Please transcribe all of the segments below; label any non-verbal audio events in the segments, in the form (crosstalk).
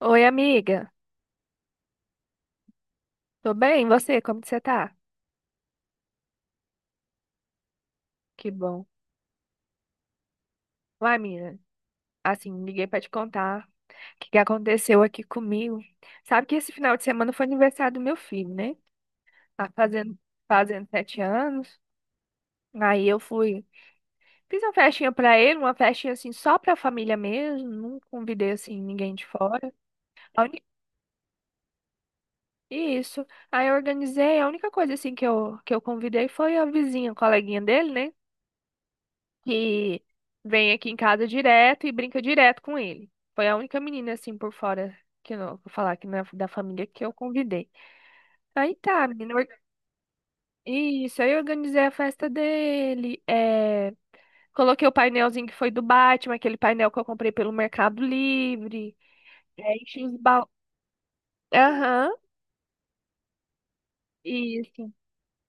Oi, amiga. Tô bem? E você? Como que você tá? Que bom. Uai, menina, assim, liguei pra te contar o que que aconteceu aqui comigo. Sabe que esse final de semana foi aniversário do meu filho, né? Tá fazendo 7 anos. Aí eu fui, fiz uma festinha pra ele, uma festinha assim só pra família mesmo. Não convidei assim ninguém de fora. A uni- Isso. Aí eu organizei. A única coisa assim que eu convidei foi a vizinha, a coleguinha dele, né? Que vem aqui em casa direto e brinca direto com ele. Foi a única menina assim por fora que eu não vou falar da família que eu convidei. Aí tá, menina. Isso, aí eu organizei a festa dele. Coloquei o painelzinho que foi do Batman, aquele painel que eu comprei pelo Mercado Livre. Enchi os balões. Aham, isso.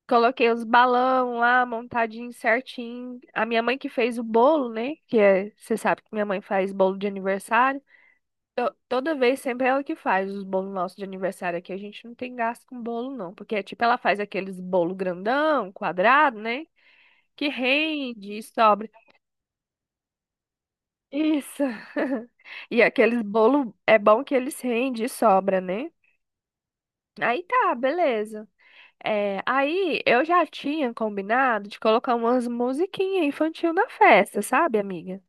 Coloquei os balão lá, montadinho certinho. A minha mãe que fez o bolo, né? Que é, você sabe que minha mãe faz bolo de aniversário. Toda vez sempre é ela que faz os bolos nossos de aniversário aqui. A gente não tem gasto com bolo, não. Porque, tipo, ela faz aqueles bolo grandão, quadrado, né? Que rende e sobra. Isso. (laughs) E aqueles bolo é bom que eles rendem e sobra, né? Aí tá, beleza. Aí eu já tinha combinado de colocar umas musiquinhas infantil na festa, sabe, amiga?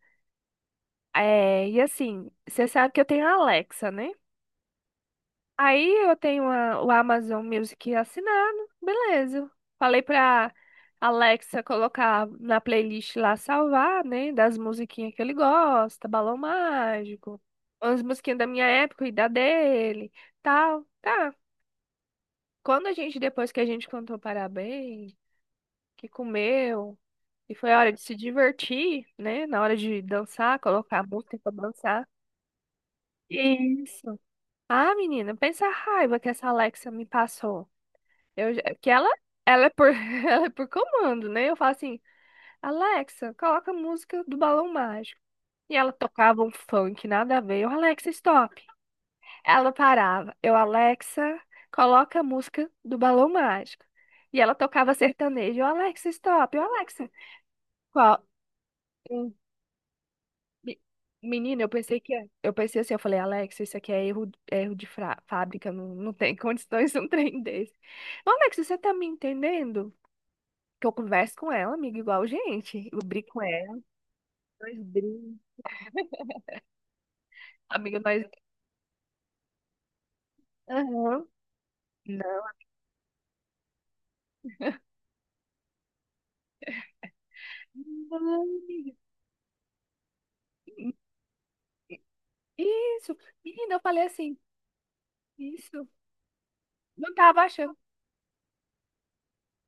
E assim, você sabe que eu tenho a Alexa, né? Aí eu tenho o Amazon Music assinado, beleza. Falei pra Alexa colocar na playlist lá salvar, né? Das musiquinhas que ele gosta, Balão Mágico, umas musiquinhas da minha época e da dele, tal. Tá. Depois que a gente cantou parabéns, que comeu, e foi a hora de se divertir, né? Na hora de dançar, colocar a música pra dançar. Isso. Ah, menina, pensa a raiva que essa Alexa me passou. Eu, já- que ela é por, (laughs) Ela é por comando, né? Eu falo assim, Alexa, coloca a música do Balão Mágico. E ela tocava um funk, nada a ver. Eu, Alexa, stop. Ela parava. Eu, Alexa, coloca a música do Balão Mágico. E ela tocava sertanejo. Eu, Alexa, stop. Eu, Alexa, qual? Hum, me- Menina, eu pensei assim, eu falei, Alexa, isso aqui é erro de fábrica, não, não tem (laughs) condições de um trem desse. Ô, Alexa, você tá me entendendo? Que eu converso com ela, amiga, igual gente. Eu brigo com ela, nós brigamos. Amiga, nós. Aham. Não. Não, amiga. Isso. Menina, eu falei assim, isso. Não tava achando.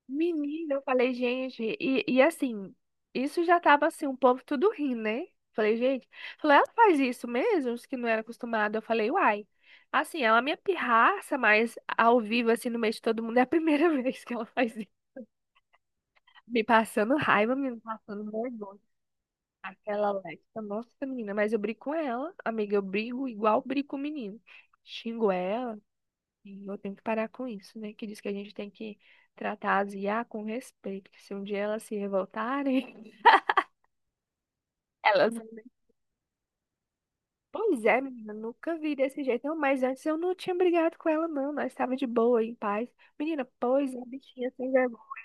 Menina, eu falei, gente, e assim, isso já tava assim, um povo tudo rindo, né? Falei, gente, falei, ela faz isso mesmo, os que não era acostumado. Eu falei, uai. Assim, ela é minha pirraça, mas ao vivo, assim, no meio de todo mundo, é a primeira (laughs) vez que ela faz isso. Me passando raiva, me passando vergonha. Aquela Alexa, nossa, menina, mas eu brigo com ela, amiga, eu brigo igual brigo com o menino. Xingo ela e eu tenho que parar com isso, né? Que diz que a gente tem que tratar as IA com respeito, que se um dia elas se revoltarem, (laughs) elas... Pois é, menina, nunca vi desse jeito. Não, mas antes eu não tinha brigado com ela, não. Nós estava de boa, em paz. Menina, pois é, bichinha sem vergonha.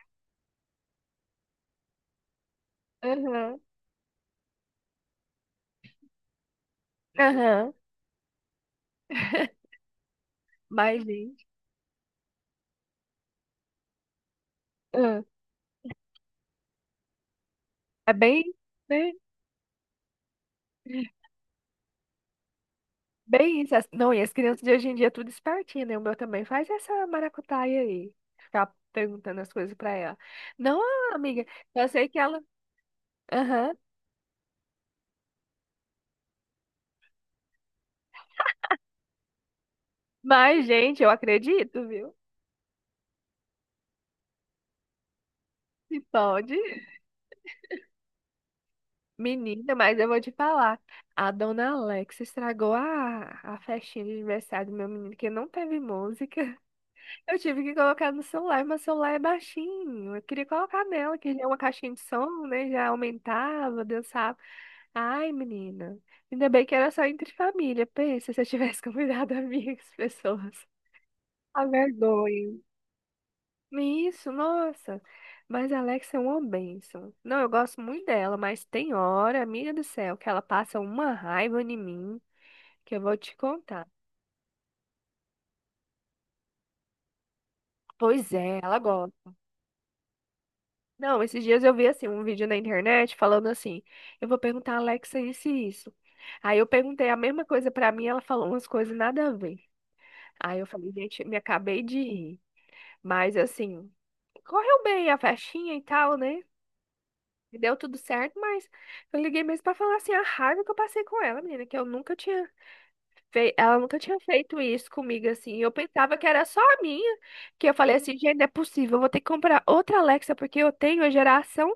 Aham, aham. (laughs) Mas, gente, ah, é bem, né? Bem isso. Não, e as crianças de hoje em dia é tudo espertinha, né? O meu também faz essa maracutaia aí. Ficar perguntando as coisas pra ela. Não, amiga, eu sei que ela... Aham. Mas, gente, eu acredito, viu? Se pode. Menina, mas eu vou te falar. A dona Alex estragou a festinha de aniversário do meu menino, que não teve música. (laughs) Eu tive que colocar no celular, mas o celular é baixinho. Eu queria colocar nela, que já é uma caixinha de som, né? Já aumentava, dançava. Ai, menina. Ainda bem que era só entre família. Pensa se eu tivesse (laughs) convidado amigas, pessoas. A vergonha. Isso, nossa. Mas a Alexa é uma bênção. Não, eu gosto muito dela, mas tem hora, amiga do céu, que ela passa uma raiva em mim que eu vou te contar. Pois é, ela gosta. Não, esses dias eu vi assim um vídeo na internet falando assim: eu vou perguntar a Alexa isso e isso. Aí eu perguntei a mesma coisa pra mim, ela falou umas coisas nada a ver. Aí eu falei, gente, me acabei de rir. Mas assim, correu bem a festinha e tal, né? E deu tudo certo, mas eu liguei mesmo pra falar assim a raiva que eu passei com ela, menina, que eu nunca tinha feito, ela nunca tinha feito isso comigo assim. Eu pensava que era só a minha, que eu falei assim, gente, não é possível, eu vou ter que comprar outra Alexa porque eu tenho a geração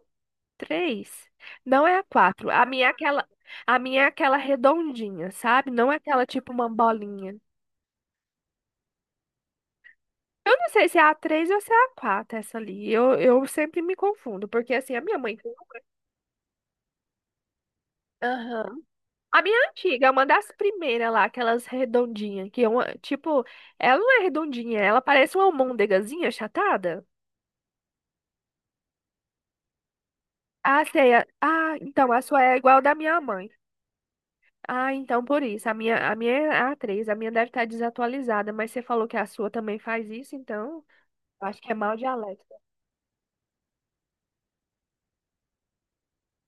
3, não é a 4. A minha é aquela redondinha, sabe? Não é aquela tipo uma bolinha. Eu não sei se é a 3 ou se é a 4 essa ali. Eu sempre me confundo, porque assim, a minha mãe. Aham. A minha antiga, é uma das primeiras lá, aquelas redondinhas, que é uma, tipo, ela não é redondinha, ela parece uma almôndegazinha achatada. Ah, sei. Ah, então a sua é igual da minha mãe. Ah, então por isso. A minha é a três, a minha deve estar desatualizada, mas você falou que a sua também faz isso, então eu acho que é mal de Alexa.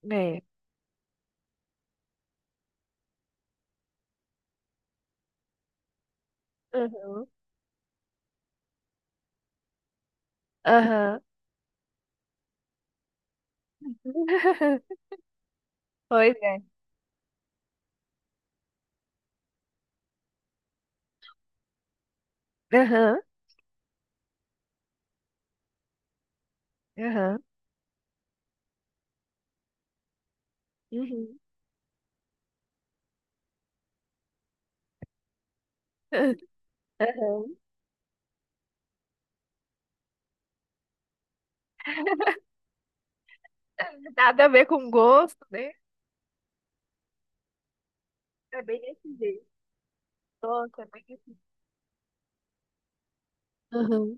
É. Aham. Aham. (laughs) Pois é. Aham. Aham. Uhum. (laughs) Aham. Nada a ver com gosto, né? É bem desse jeito. Nossa, é bem difícil. Aham.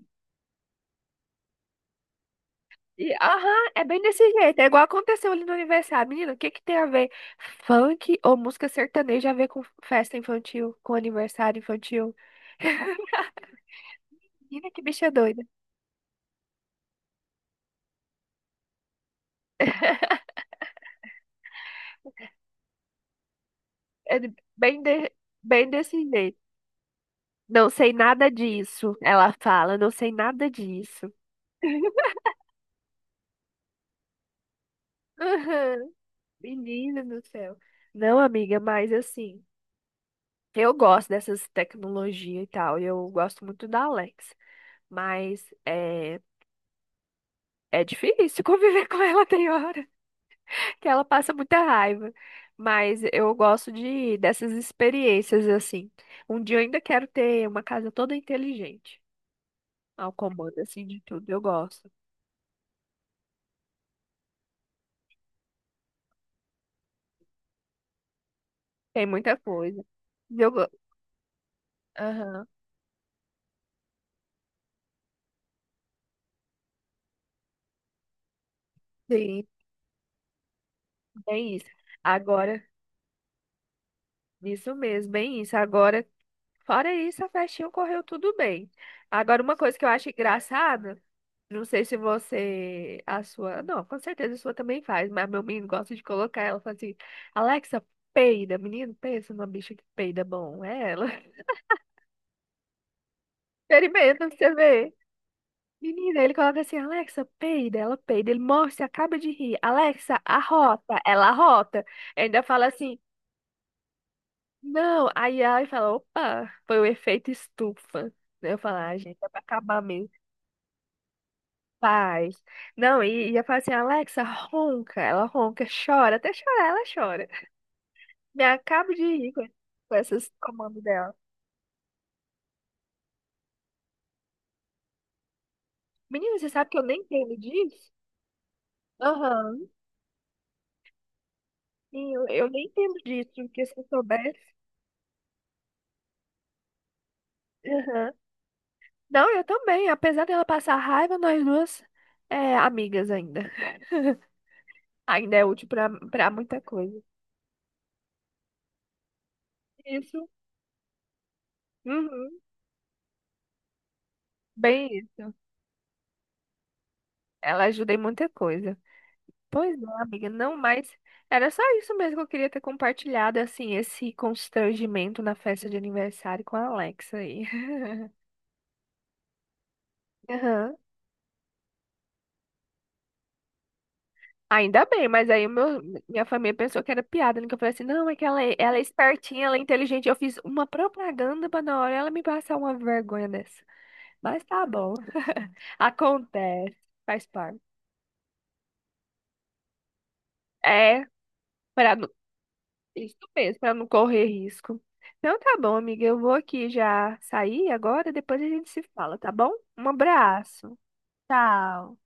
E, aham, é bem desse jeito. É igual aconteceu ali no aniversário. Menina, o que que tem a ver funk ou música sertaneja a ver com festa infantil, com aniversário infantil? (laughs) Menina, que bicha doida. (laughs) É bem, bem desse jeito. Não sei nada disso, ela fala. Não sei nada disso. (laughs) Aham, menina do céu. Não, amiga, mas assim, eu gosto dessas tecnologias e tal. Eu gosto muito da Alexa. Mas é difícil (laughs) conviver com ela tem hora que ela passa muita raiva. Mas eu gosto de dessas experiências assim. Um dia eu ainda quero ter uma casa toda inteligente, ao comando assim de tudo. Eu gosto. Tem muita coisa. E aham, sim, bem isso. Agora, isso mesmo, bem isso. Agora, fora isso, a festinha correu tudo bem. Agora, uma coisa que eu acho engraçada. Não sei se você, a sua, não, com certeza a sua também faz, mas meu menino gosta de colocar ela, fala assim, Alexa, peida, menino, pensa numa bicha que peida bom, é ela. (laughs) Experimenta pra você ver. Menina, ele coloca assim, Alexa, peida, ela peida, ele morre, você acaba de rir, Alexa, arrota, ela arrota. Ainda fala assim, não, aí ela fala, opa, foi o efeito estufa. Eu falo, ah, gente, é pra acabar mesmo. Faz. Não, e eu falo assim, Alexa, ronca, ela ronca, chora, até chorar, ela chora. Me acabo de rir com esses comandos dela. Menina, você sabe que eu nem entendo disso? Aham. Sim, Eu nem entendo disso, porque se eu soubesse. Aham. Não, eu também. Apesar dela passar raiva, nós duas é amigas ainda. (laughs) Ainda é útil pra muita coisa. Isso. Uhum. Bem isso. Ela ajuda em muita coisa. Pois não, amiga, não, mas era só isso mesmo que eu queria ter compartilhado, assim, esse constrangimento na festa de aniversário com a Alexa aí. (laughs) Aham. Ainda bem, mas aí minha família pensou que era piada, né? Que eu falei assim, não, é que ela é espertinha, ela é inteligente. Eu fiz uma propaganda pra na hora ela me passar uma vergonha dessa. Mas tá bom. Acontece, faz parte. É, pra não, isso mesmo, pra não correr risco. Então tá bom, amiga, eu vou aqui já sair agora, depois a gente se fala, tá bom? Um abraço. Tchau.